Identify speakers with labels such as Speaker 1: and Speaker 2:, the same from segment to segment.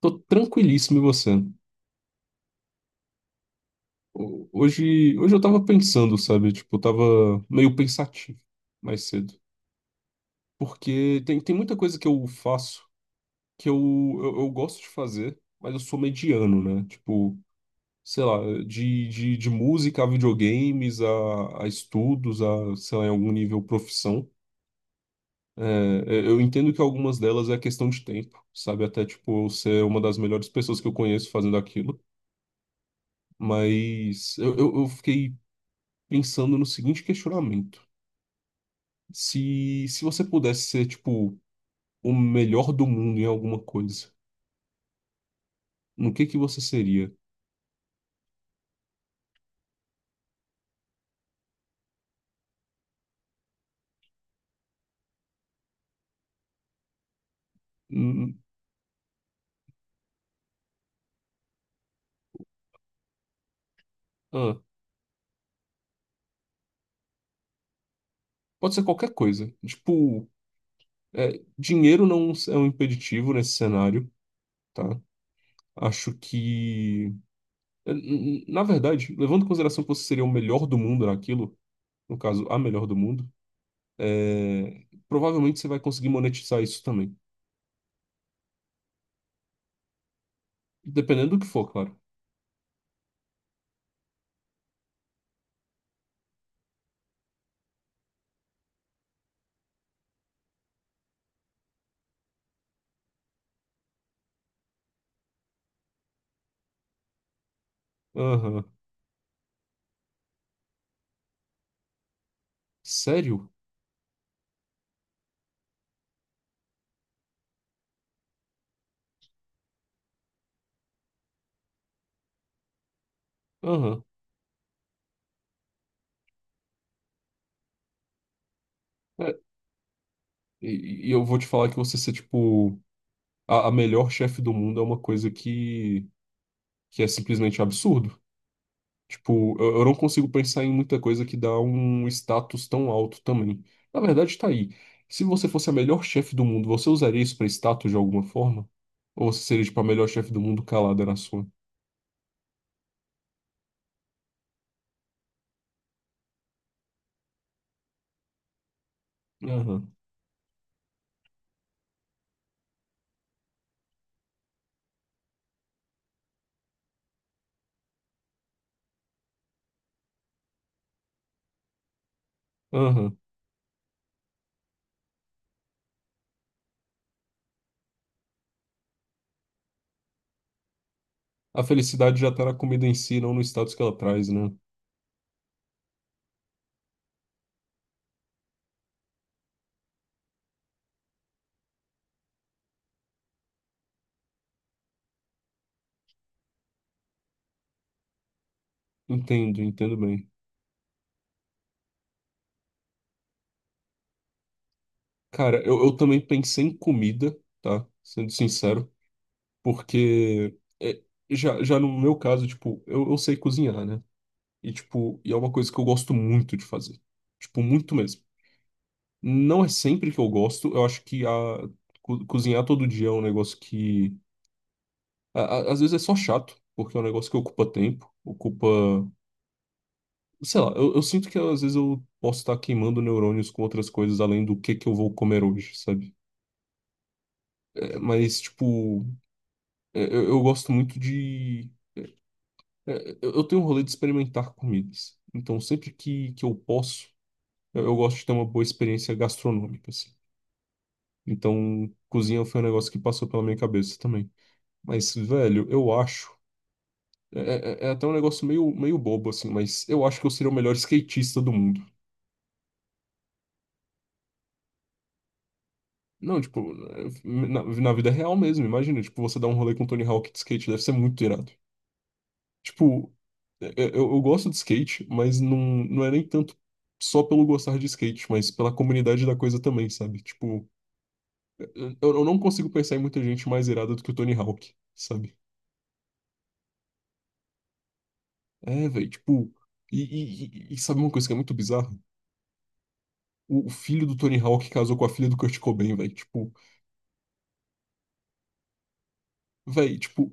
Speaker 1: Tô tranquilíssimo e você? Hoje, eu tava pensando, sabe? Tipo, eu tava meio pensativo mais cedo. Porque tem muita coisa que eu faço que eu gosto de fazer, mas eu sou mediano, né? Tipo, sei lá, de música a videogames, a estudos, a, sei lá, em algum nível profissão. É, eu entendo que algumas delas é questão de tempo, sabe? Até, tipo, eu ser uma das melhores pessoas que eu conheço fazendo aquilo. Mas eu fiquei pensando no seguinte questionamento. Se você pudesse ser, tipo, o melhor do mundo em alguma coisa, no que você seria? Hum. ah, Pode ser qualquer coisa. Tipo, dinheiro não é um impeditivo nesse cenário, tá? Acho que... Na verdade, levando em consideração que você seria o melhor do mundo naquilo, no caso, a melhor do mundo, provavelmente você vai conseguir monetizar isso também. Dependendo do que for, claro. Aham. Sério? Aham. É, e eu vou te falar que você ser, tipo, a melhor chefe do mundo é uma coisa que é simplesmente absurdo. Tipo, eu não consigo pensar em muita coisa que dá um status tão alto também. Na verdade, tá aí. Se você fosse a melhor chefe do mundo, você usaria isso pra status de alguma forma? Ou você seria, tipo, a melhor chefe do mundo calada na sua? Aham, aham. A felicidade já tá na comida em si, não no status que ela traz, né? Entendo, entendo bem. Cara, eu também pensei em comida, tá? Sendo sincero. Porque já no meu caso, tipo, eu sei cozinhar, né? E, tipo, e é uma coisa que eu gosto muito de fazer. Tipo, muito mesmo. Não é sempre que eu gosto, eu acho que cozinhar todo dia é um negócio que a- às vezes é só chato, porque é um negócio que ocupa tempo, ocupa. Sei lá, eu sinto que às vezes eu posso estar queimando neurônios com outras coisas além do que eu vou comer hoje, sabe? Mas, tipo, eu gosto muito de. Eu tenho um rolê de experimentar comidas. Então, sempre que eu posso, eu gosto de ter uma boa experiência gastronômica, assim. Então, cozinha foi um negócio que passou pela minha cabeça também. Mas, velho, eu acho. É até um negócio meio bobo, assim, mas eu acho que eu seria o melhor skatista do mundo. Não, tipo, na vida real mesmo, imagina. Tipo, você dar um rolê com o Tony Hawk de skate, deve ser muito irado. Tipo, eu gosto de skate, mas não, não é nem tanto só pelo gostar de skate, mas pela comunidade da coisa também, sabe? Tipo, é, é, eu não consigo pensar em muita gente mais irada do que o Tony Hawk, sabe? É, velho, tipo, e, e- e sabe uma coisa que é muito bizarra? O filho do Tony Hawk casou com a filha do Kurt Cobain, velho. Tipo, velho, tipo,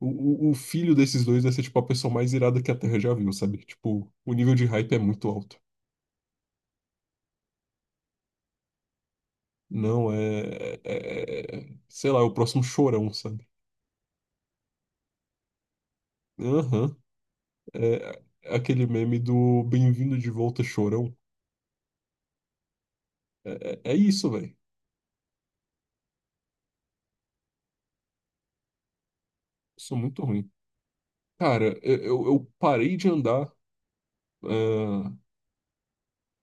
Speaker 1: o filho desses dois vai ser, tipo, a pessoa mais irada que a Terra já viu, sabe? Tipo, o nível de hype é muito alto. Não, sei lá, é o próximo chorão, sabe? Aham. É aquele meme do Bem-vindo de volta, chorão. É isso, velho. Sou muito ruim. Cara, eu parei de andar, ah,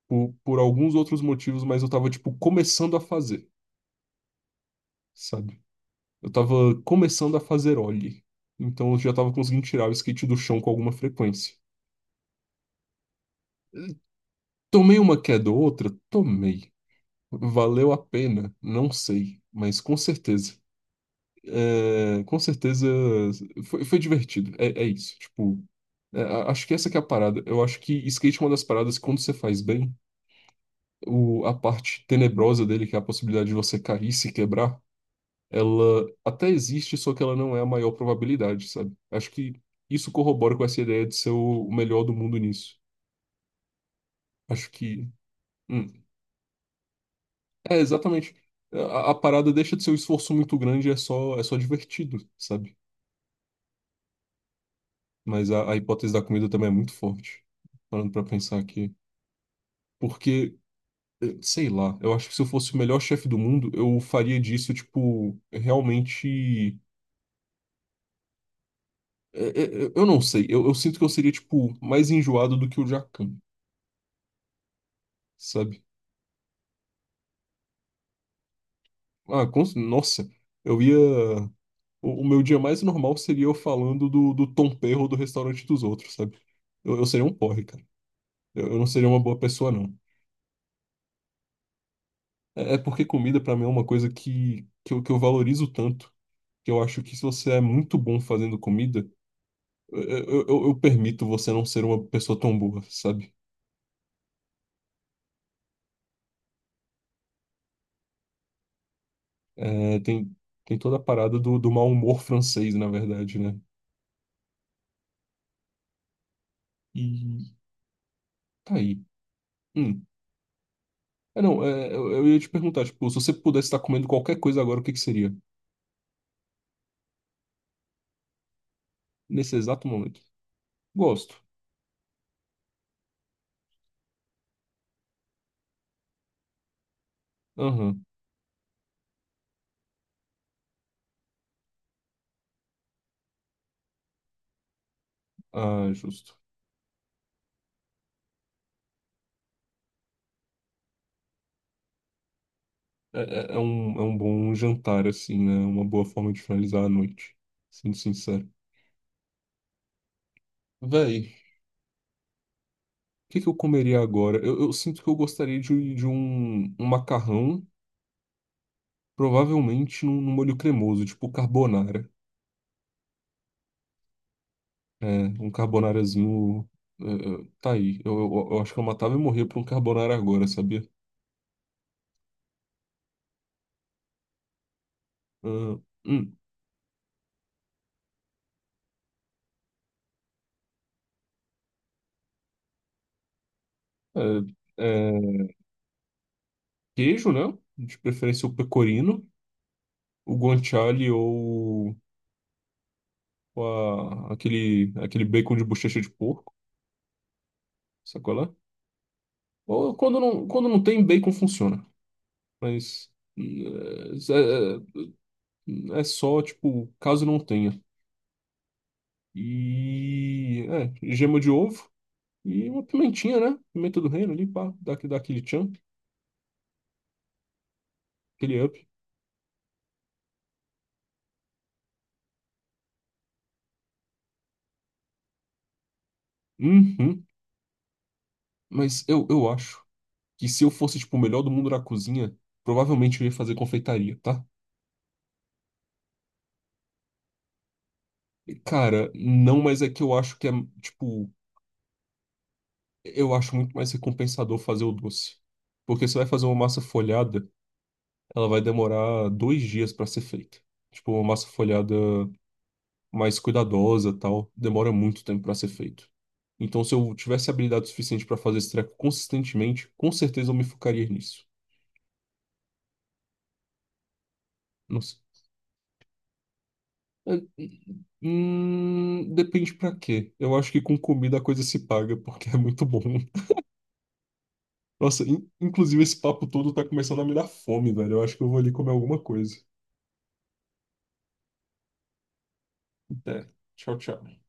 Speaker 1: por alguns outros motivos, mas eu tava, tipo, começando a fazer, sabe? Eu tava começando a fazer ollie. Então eu já tava conseguindo tirar o skate do chão com alguma frequência. Tomei uma queda ou outra? Tomei. Valeu a pena? Não sei, mas com certeza. É, com certeza foi divertido. É isso. Tipo, acho que essa que é a parada. Eu acho que skate é uma das paradas que quando você faz bem, a parte tenebrosa dele, que é a possibilidade de você cair e se quebrar, ela até existe, só que ela não é a maior probabilidade, sabe? Acho que isso corrobora com essa ideia de ser o melhor do mundo nisso. Acho que... hum, exatamente. A parada deixa de ser um esforço muito grande, é só divertido, sabe? Mas a hipótese da comida também é muito forte, parando pra pensar aqui. Porque, sei lá, eu acho que se eu fosse o melhor chefe do mundo, eu faria disso, tipo, realmente. Eu não sei, eu sinto que eu seria, tipo, mais enjoado do que o Jacan, sabe? Ah, nossa, eu ia. O meu dia mais normal seria eu falando do Tom Perro do restaurante dos outros, sabe? Eu seria um porre, cara. Eu não seria uma boa pessoa, não. É porque comida, pra mim, é uma coisa que eu valorizo tanto que eu acho que se você é muito bom fazendo comida, eu permito você não ser uma pessoa tão boa, sabe? É, tem toda a parada do mau humor francês, na verdade, né? E tá aí. Hum. Não, eu ia te perguntar, tipo, se você pudesse estar comendo qualquer coisa agora, o que que seria? Nesse exato momento. Gosto. Aham. Ah, justo. É, é um bom jantar, assim, né? Uma boa forma de finalizar a noite. Sendo sincero. Véi. O que que eu comeria agora? Eu sinto que eu gostaria de um macarrão, provavelmente num molho cremoso, tipo carbonara. É, um carbonarazinho. Tá aí. Eu acho que eu matava e morria por um carbonara agora, sabia? Ah, hum. É, é, queijo, né? De preferência o pecorino, o guanciale ou aquele bacon de bochecha de porco, sacolé? Ou quando não tem, bacon funciona. Mas. hum, é, é, É só, tipo, caso não tenha. E. É, gema de ovo e uma pimentinha, né? Pimenta do reino ali, pá, dá aquele tchan, aquele up. Uhum. Mas eu acho que se eu fosse, tipo, o melhor do mundo na cozinha, provavelmente eu ia fazer confeitaria, tá? Cara, não, mas é que eu acho que é, tipo, eu acho muito mais recompensador fazer o doce. Porque você vai fazer uma massa folhada, ela vai demorar 2 dias pra ser feita. Tipo, uma massa folhada mais cuidadosa, tal, demora muito tempo para ser feito. Então, se eu tivesse habilidade suficiente para fazer esse treco consistentemente, com certeza eu me focaria nisso. Não sei. É, hum, depende pra quê. Eu acho que com comida a coisa se paga, porque é muito bom. Nossa, inclusive esse papo todo tá começando a me dar fome, velho. Eu acho que eu vou ali comer alguma coisa. Até. Tchau, tchau.